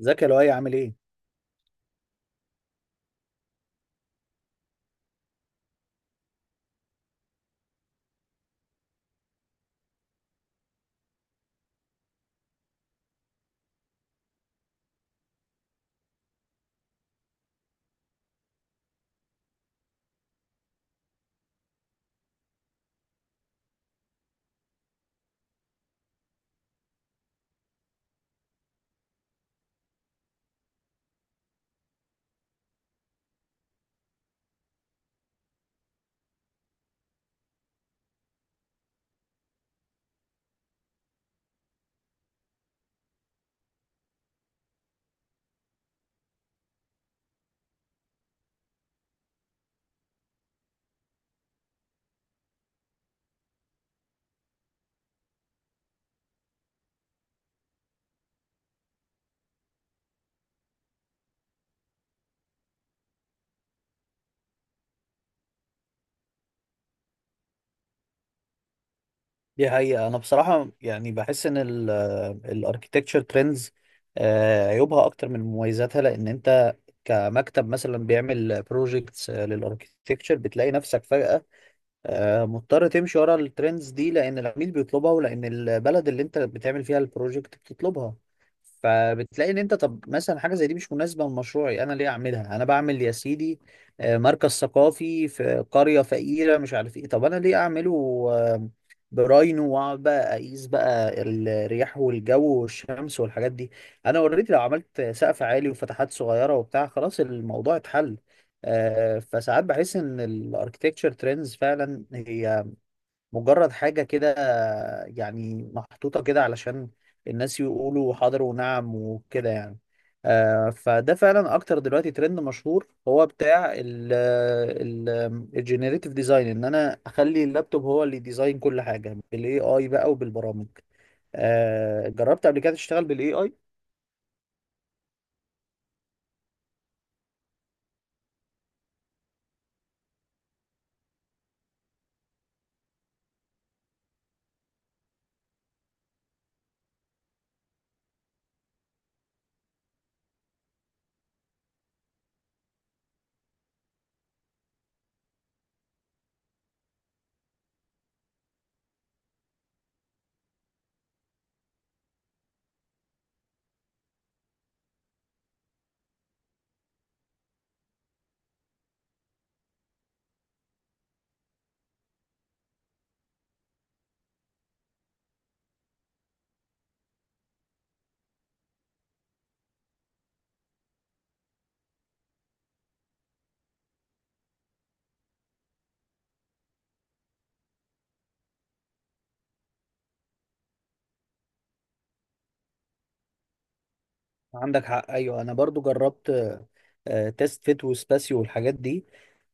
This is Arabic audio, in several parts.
ازيك يا لؤي عامل ايه؟ دي حقيقة أنا بصراحة يعني بحس إن الأركيتكتشر ترندز عيوبها أكتر من مميزاتها، لأن أنت كمكتب مثلا بيعمل بروجيكتس للأركيتكتشر بتلاقي نفسك فجأة مضطر تمشي ورا الترندز دي، لان العميل بيطلبها ولان البلد اللي انت بتعمل فيها البروجكت بتطلبها. فبتلاقي ان انت طب مثلا حاجه زي دي مش مناسبه لمشروعي، انا ليه اعملها؟ انا بعمل يا سيدي مركز ثقافي في قريه فقيره مش عارف ايه، طب انا ليه اعمله؟ آه، براينو، واقعد بقى اقيس بقى الرياح والجو والشمس والحاجات دي؟ انا اوريدي لو عملت سقف عالي وفتحات صغيره وبتاع خلاص الموضوع اتحل. فساعات بحس ان الاركتكتشر ترندز فعلا هي مجرد حاجه كده، يعني محطوطه كده علشان الناس يقولوا حاضر ونعم وكده يعني. فده فعلا اكتر دلوقتي ترند مشهور هو بتاع الجينيريتيف ديزاين، ان انا اخلي اللابتوب هو اللي ديزاين كل حاجه بالاي اي بقى وبالبرامج. جربت قبل كده تشتغل بالاي اي؟ عندك حق، ايوه انا برضو جربت تيست فيت وسباسيو والحاجات دي.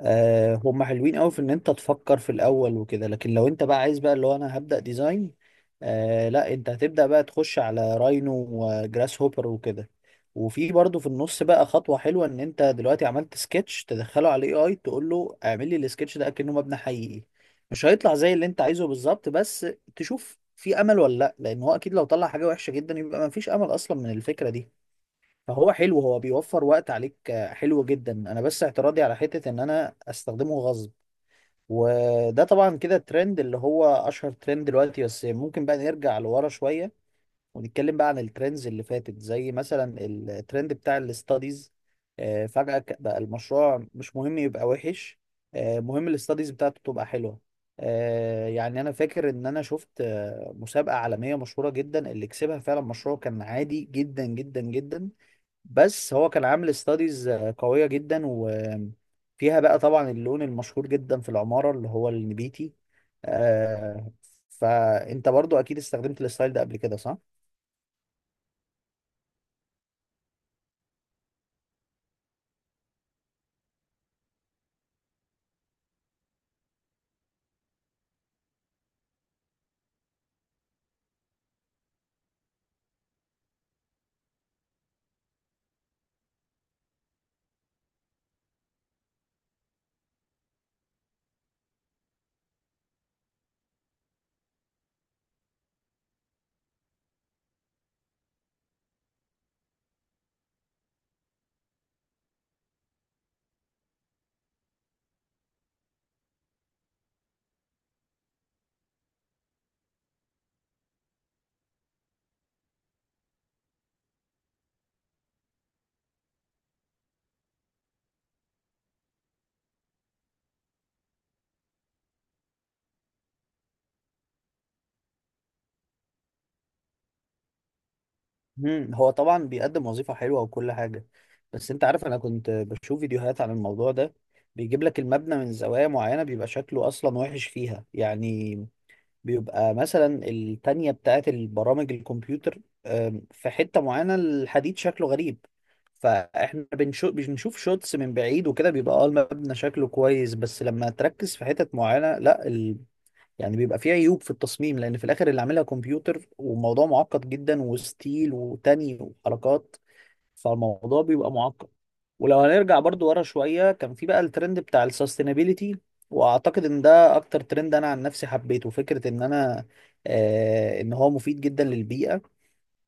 هم حلوين قوي في ان انت تفكر في الاول وكده، لكن لو انت بقى عايز بقى اللي هو انا هبدأ ديزاين، لا انت هتبدأ بقى تخش على راينو وجراس هوبر وكده. وفي برضو في النص بقى خطوة حلوة ان انت دلوقتي عملت سكتش تدخله على الاي اي تقول له اعمل لي السكتش ده كأنه مبنى حقيقي. مش هيطلع زي اللي انت عايزه بالظبط، بس تشوف في امل ولا لا، لان هو اكيد لو طلع حاجة وحشة جدا يبقى مفيش امل اصلا من الفكرة دي. فهو حلو، هو بيوفر وقت عليك، حلو جدا. انا بس اعتراضي على حتة ان انا استخدمه غصب. وده طبعا كده الترند اللي هو اشهر ترند دلوقتي. بس ممكن بقى نرجع لورا شوية ونتكلم بقى عن الترندز اللي فاتت، زي مثلا الترند بتاع الاستاديز. فجأة بقى المشروع مش مهم يبقى وحش، مهم الاستاديز بتاعته تبقى حلوة. يعني انا فاكر ان انا شفت مسابقة عالمية مشهورة جدا اللي كسبها فعلا مشروع كان عادي جدا جدا جدا، بس هو كان عامل استاديز قوية جدا، وفيها بقى طبعا اللون المشهور جدا في العمارة اللي هو النبيتي. آه، فانت برضو اكيد استخدمت الستايل ده قبل كده، صح؟ مم. هو طبعا بيقدم وظيفة حلوة وكل حاجة، بس انت عارف انا كنت بشوف فيديوهات عن الموضوع ده. بيجيب لك المبنى من زوايا معينة بيبقى شكله اصلا وحش فيها يعني. بيبقى مثلا التانية بتاعت البرامج الكمبيوتر، في حتة معينة الحديد شكله غريب. فاحنا بنشوف شوتس من بعيد وكده بيبقى اه المبنى شكله كويس، بس لما تركز في حتت معينة لا يعني بيبقى فيه عيوب في التصميم، لأن في الآخر اللي عاملها كمبيوتر وموضوع معقد جدا، وستيل وتاني وحركات، فالموضوع بيبقى معقد. ولو هنرجع برضو ورا شوية كان في بقى الترند بتاع السستينابيليتي، واعتقد ان ده اكتر ترند انا عن نفسي حبيته. فكرة ان انا آه ان هو مفيد جدا للبيئة.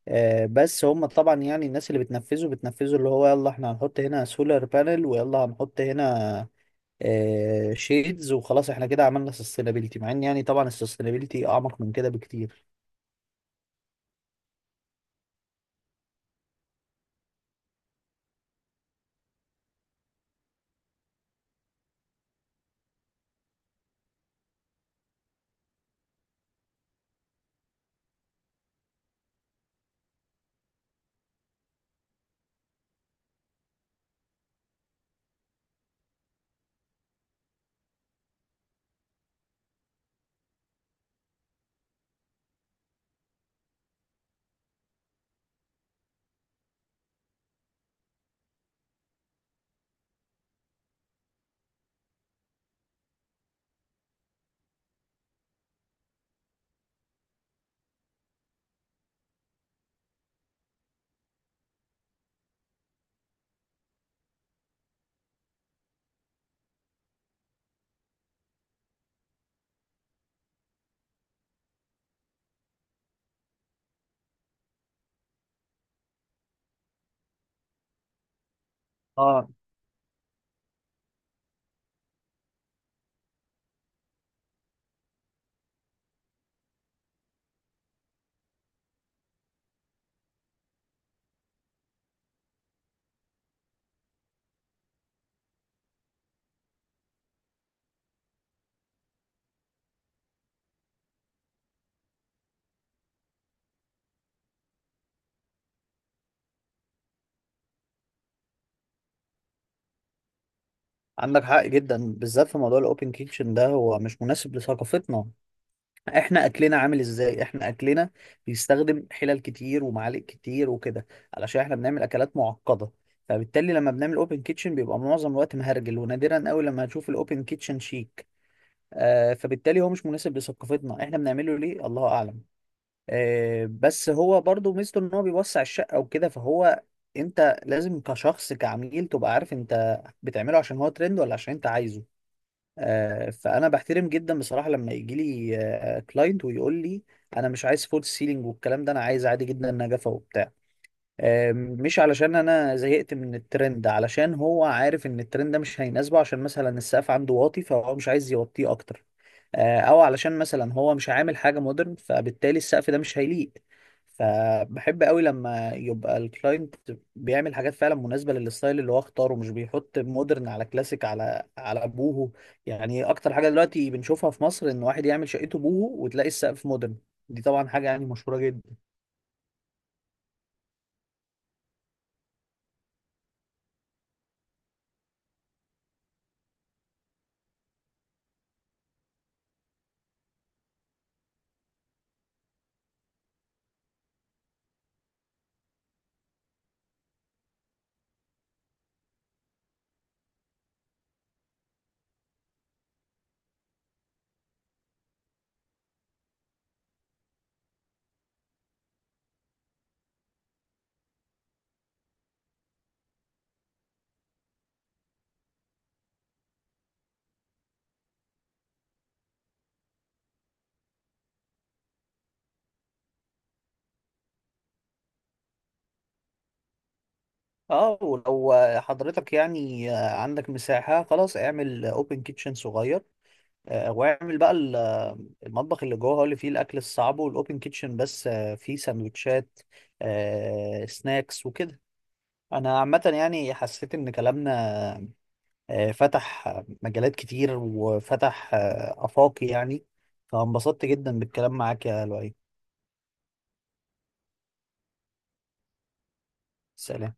آه بس هم طبعا يعني الناس اللي بتنفذه بتنفذه اللي هو يلا احنا هنحط هنا سولار بانل، ويلا هنحط هنا آه شيدز، وخلاص احنا كده عملنا سستينابيليتي، مع ان يعني طبعا السستينابيليتي اعمق من كده بكتير. اه عندك حق جدا، بالذات في موضوع الاوبن كيتشن ده هو مش مناسب لثقافتنا. احنا اكلنا عامل ازاي؟ احنا اكلنا بيستخدم حلل كتير ومعالق كتير وكده، علشان احنا بنعمل اكلات معقده. فبالتالي لما بنعمل اوبن كيتشن بيبقى معظم الوقت مهرجل، ونادرا قوي لما هتشوف الاوبن كيتشن شيك. آه فبالتالي هو مش مناسب لثقافتنا. احنا بنعمله ليه؟ الله اعلم. آه بس هو برضو ميزته ان هو بيوسع الشقه وكده. فهو انت لازم كشخص كعميل تبقى عارف انت بتعمله عشان هو ترند ولا عشان انت عايزه. فانا بحترم جدا بصراحه لما يجي لي كلاينت ويقول لي انا مش عايز فول سيلينج والكلام ده، انا عايز عادي جدا نجفه وبتاع، مش علشان انا زهقت من الترند، علشان هو عارف ان الترند ده مش هيناسبه، عشان مثلا السقف عنده واطي فهو مش عايز يوطيه اكتر، او علشان مثلا هو مش عامل حاجه مودرن فبالتالي السقف ده مش هيليق. فبحب قوي لما يبقى الكلاينت بيعمل حاجات فعلا مناسبه للستايل اللي هو اختاره، مش بيحط مودرن على كلاسيك على بوهو. يعني اكتر حاجه دلوقتي بنشوفها في مصر ان واحد يعمل شقته بوهو وتلاقي السقف مودرن. دي طبعا حاجه يعني مشهوره جدا. اه ولو حضرتك يعني عندك مساحه خلاص اعمل اوبن كيتشن صغير، واعمل بقى المطبخ اللي جوه هو اللي فيه الاكل الصعب، والاوبن كيتشن بس فيه سندوتشات، سناكس وكده. انا عامه يعني حسيت ان كلامنا فتح مجالات كتير، وفتح افاقي يعني. فانبسطت جدا بالكلام معاك يا لؤي. سلام.